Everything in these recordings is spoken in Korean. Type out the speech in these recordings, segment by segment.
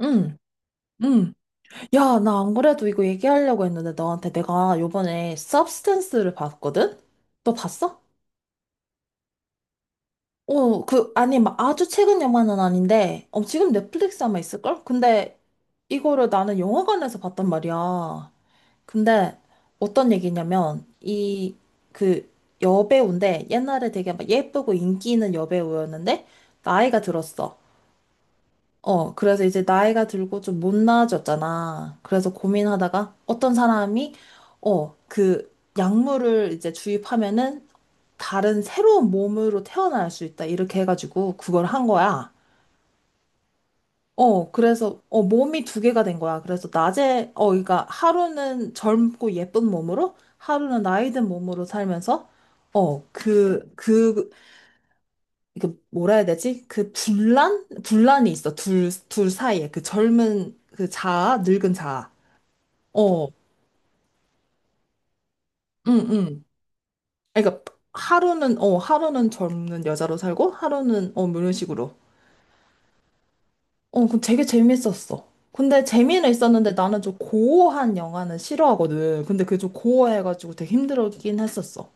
응, 응. 야, 나 안 그래도 이거 얘기하려고 했는데 너한테 내가 요번에 서브스턴스를 봤거든? 너 봤어? 아니, 막 아주 최근 영화는 아닌데, 지금 넷플릭스 아마 있을걸? 근데 이거를 나는 영화관에서 봤단 말이야. 근데 어떤 얘기냐면, 그, 여배우인데, 옛날에 되게 막 예쁘고 인기 있는 여배우였는데, 나이가 들었어. 그래서 이제 나이가 들고 좀 못나아졌잖아. 그래서 고민하다가 어떤 사람이, 그 약물을 이제 주입하면은 다른 새로운 몸으로 태어날 수 있다. 이렇게 해가지고 그걸 한 거야. 그래서, 몸이 두 개가 된 거야. 그래서 낮에, 그러니까 하루는 젊고 예쁜 몸으로, 하루는 나이 든 몸으로 살면서, 어, 그, 그 뭐라 해야 되지? 그 분란? 분란이 있어. 둘 사이에. 그 젊은 그 자아, 늙은 자아. 어. 응, 응. 그러니까 하루는, 하루는 젊은 여자로 살고, 하루는, 뭐 이런 식으로. 되게 재밌었어. 근데 재미는 있었는데 나는 좀 고어한 영화는 싫어하거든. 근데 그게 좀 고어해가지고 되게 힘들긴 했었어.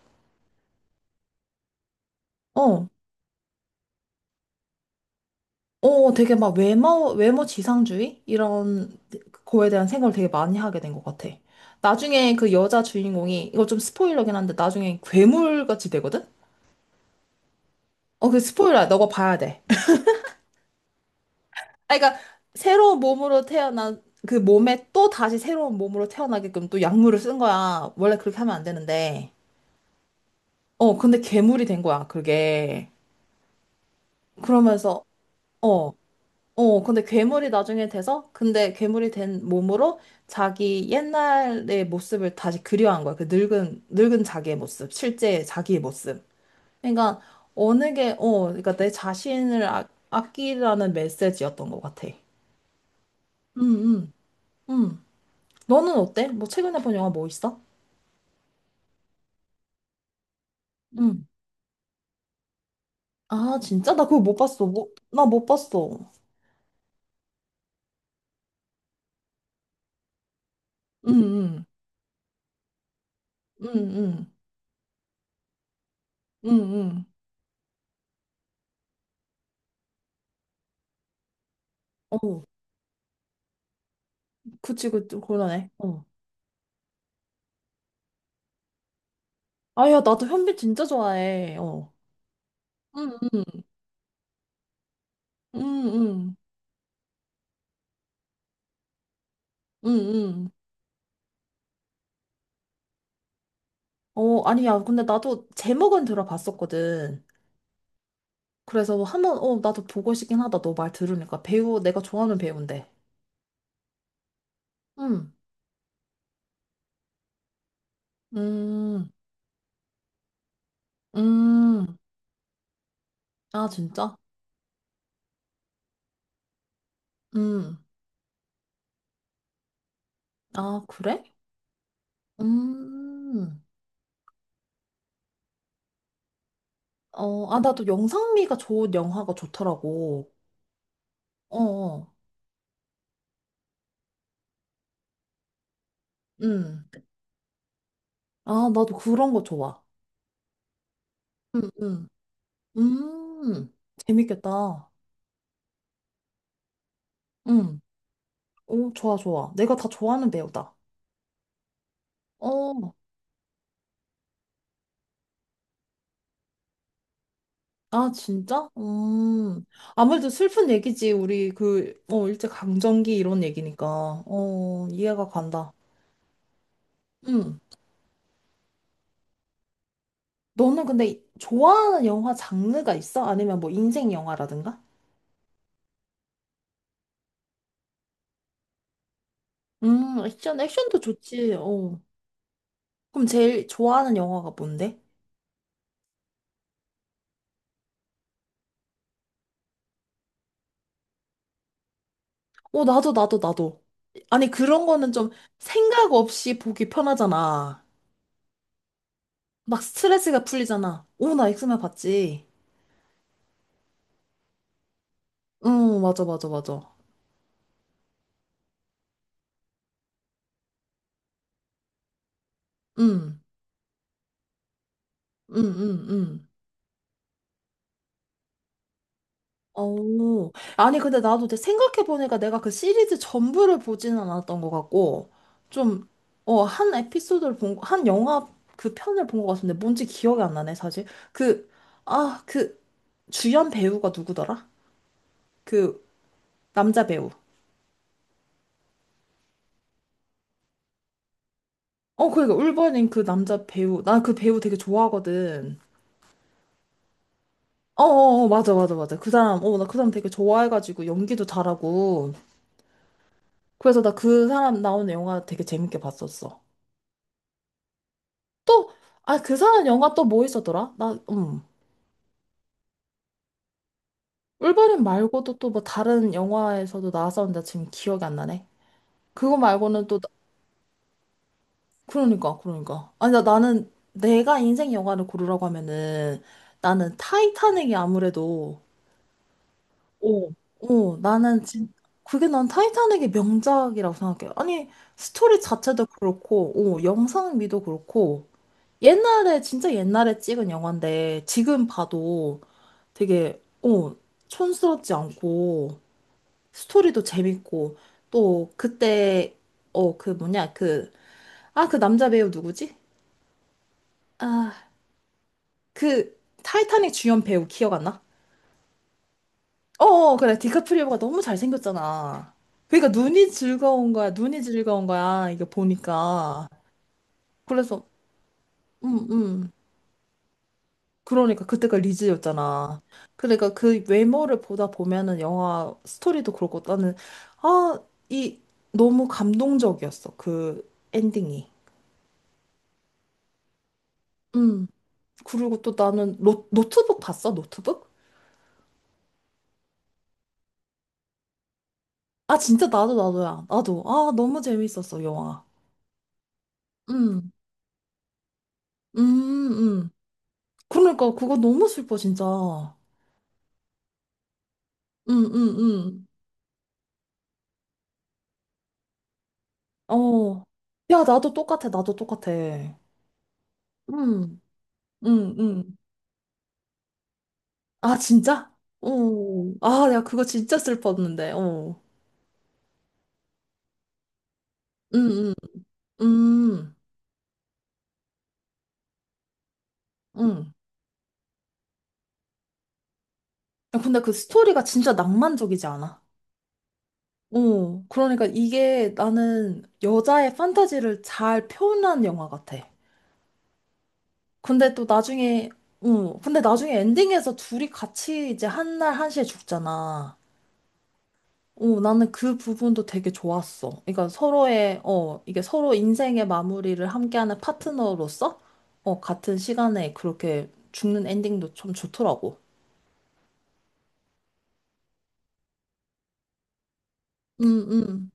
어. 되게 막 외모 지상주의? 이런 거에 대한 생각을 되게 많이 하게 된 것 같아. 나중에 그 여자 주인공이, 이거 좀 스포일러긴 한데, 나중에 괴물같이 되거든? 그 스포일러야. 너가 봐야 돼. 그러니까, 새로운 몸으로 태어난, 그 몸에 또 다시 새로운 몸으로 태어나게끔 또 약물을 쓴 거야. 원래 그렇게 하면 안 되는데. 근데 괴물이 된 거야, 그게. 그러면서, 어, 근데 괴물이 나중에 돼서, 근데 괴물이 된 몸으로 자기 옛날의 모습을 다시 그리워한 거야. 그 늙은 자기의 모습, 실제 자기의 모습. 그러니까, 어느 게, 그러니까 내 자신을 아끼라는 메시지였던 것 같아. 응, 응, 응. 너는 어때? 뭐 최근에 본 영화 뭐 있어? 응. 아, 진짜? 나 그거 못 봤어. 뭐, 나 못 봤어. 응, 응, 응, 응, 응, 응. 어, 그치, 그치, 그러네. 어. 아야, 나도 현빈 진짜 좋아해. 어. 응응응응응. 어, 아니야. 근데 나도 제목은 들어봤었거든. 그래서 한번, 나도 보고 싶긴 하다. 너 말 들으니까. 배우, 내가 좋아하는 배우인데. 응. 음, 음. 아, 진짜? 음. 아, 그래? 음. 아, 나도 영상미가 좋은 영화가 좋더라고. 어, 어. 음. 아, 나도 그런 거 좋아. 음, 음. 음. 재밌겠다. 음. 오, 좋아, 좋아. 내가 다 좋아하는 배우다. 어, 아, 진짜? 아무래도 슬픈 얘기지. 우리 일제강점기 이런 얘기니까. 이해가 간다. 음, 너는 근데 좋아하는 영화 장르가 있어? 아니면 뭐 인생 영화라든가? 액션, 액션도 좋지. 어. 그럼 제일 좋아하는 영화가 뭔데? 어, 나도, 나도, 나도. 아니, 그런 거는 좀 생각 없이 보기 편하잖아. 막 스트레스가 풀리잖아. 오, 나 엑스맨 봤지. 응, 맞아, 맞아, 맞아. 응, 응, 응, 응. 어, 아니, 근데 나도 이제 생각해보니까 내가 그 시리즈 전부를 보지는 않았던 것 같고, 좀, 한 에피소드를 본, 한 영화 그 편을 본 것 같은데, 뭔지 기억이 안 나네, 사실. 그, 아, 주연 배우가 누구더라? 그, 남자 배우. 그러니까, 울버린 그 남자 배우. 나 그 배우 되게 좋아하거든. 어어어, 맞아, 맞아, 맞아. 그 사람, 나 그 사람 되게 좋아해가지고, 연기도 잘하고. 그래서 나 그 사람 나오는 영화 되게 재밌게 봤었어. 또, 아, 그 사람 영화 또 뭐 있었더라? 울버린 말고도 또 뭐 다른 영화에서도 나왔었는데 지금 기억이 안 나네. 그거 말고는 또, 그러니까, 아니, 나는 내가 인생 영화를 고르라고 하면은 나는 타이타닉이 아무래도, 오. 오 그게 난 타이타닉의 명작이라고 생각해. 아니, 스토리 자체도 그렇고, 오 영상미도 그렇고, 옛날에, 진짜 옛날에 찍은 영화인데, 지금 봐도 되게, 촌스럽지 않고, 스토리도 재밌고, 또, 그때, 어, 그 뭐냐, 그, 아, 남자 배우 누구지? 아, 타이타닉 주연 배우 기억 안 나? 어어, 그래, 디카프리오가 너무 잘생겼잖아. 그러니까 눈이 즐거운 거야, 눈이 즐거운 거야, 이게 보니까. 그래서. 음, 음. 그러니까 그때가 리즈였잖아. 그러니까 그 외모를 보다 보면은 영화 스토리도 그렇고 나는 아, 이 너무 감동적이었어. 그 엔딩이. 음. 그리고 또 나는 노트북 봤어? 노트북? 아, 진짜 나도 나도야. 나도. 아, 너무 재밌었어, 영화. 음. 음, 음. 그러니까 그거 너무 슬퍼, 진짜. 음, 음, 어. 야, 나도 똑같아. 나도 똑같아. 음. 음, 음. 아, 진짜? 어. 아, 내가 그거 진짜 슬펐는데. 어. 음, 음, 음, 음. 야, 근데 그 스토리가 진짜 낭만적이지 않아? 어. 그러니까 이게 나는 여자의 판타지를 잘 표현한 영화 같아. 근데 또 나중에, 어. 근데 나중에 엔딩에서 둘이 같이 이제 한날 한시에 죽잖아. 오, 나는 그 부분도 되게 좋았어. 그러니까 서로의, 이게 서로 인생의 마무리를 함께하는 파트너로서, 같은 시간에 그렇게 죽는 엔딩도 좀 좋더라고. 응, 응,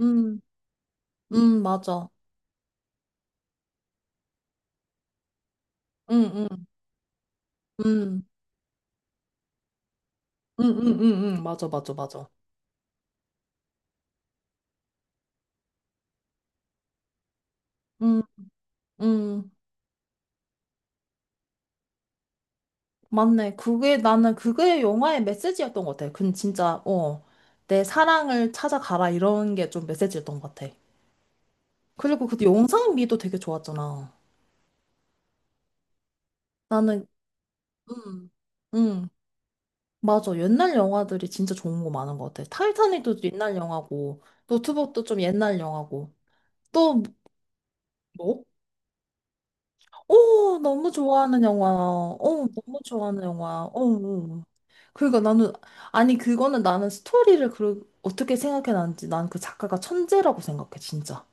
응, 응, 맞아. 응, 응, 응, 응, 응, 응, 응, 맞아, 맞아, 맞아. 응, 응, 맞네. 그게 나는 그게 영화의 메시지였던 것 같아. 근 진짜, 내 사랑을 찾아가라 이런 게 좀 메시지였던 것 같아. 그리고 그 영상미도 되게 좋았잖아. 나는 음. 응, 맞아. 옛날 영화들이 진짜 좋은 거 많은 것 같아. 타이타닉도 옛날 영화고, 노트북도 좀 옛날 영화고. 또, 뭐? 오, 너무 좋아하는 영화. 어, 너무 좋아하는 영화. 어, 어. 어. 그러니까 나는, 아니, 그거는 나는 스토리를 어떻게 생각해놨는지 난 그 작가가 천재라고 생각해, 진짜.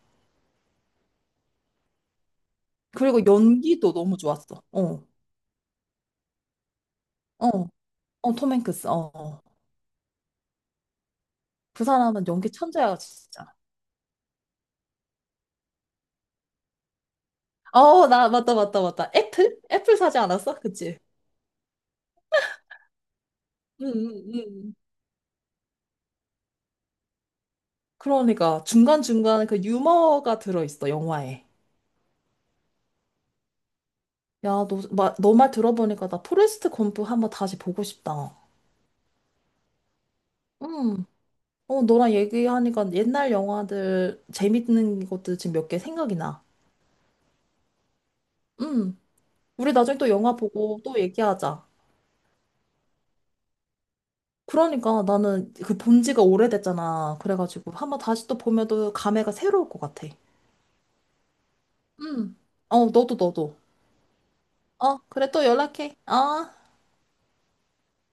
그리고 연기도 너무 좋았어. 어, 어, 어, 톰 행크스. 어, 어. 그 사람은 연기 천재야, 진짜. 어, 맞다, 맞다, 맞다. 애플? 애플 사지 않았어? 그치? 음, 음, 음. 그러니까 중간중간에 그 유머가 들어있어, 영화에. 야, 너말 들어보니까 나 포레스트 검프 한번 다시 보고 싶다. 음. 너랑 얘기하니까 옛날 영화들 재밌는 것들 지금 몇 개 생각이 나. 음. 우리 나중에 또 영화 보고 또 얘기하자. 그러니까 나는 그 본 지가 오래됐잖아. 그래가지고 한번 다시 또 보면 또 감회가 새로울 것 같아. 음. 어, 너도 너도. 어, 그래 또 연락해. 어.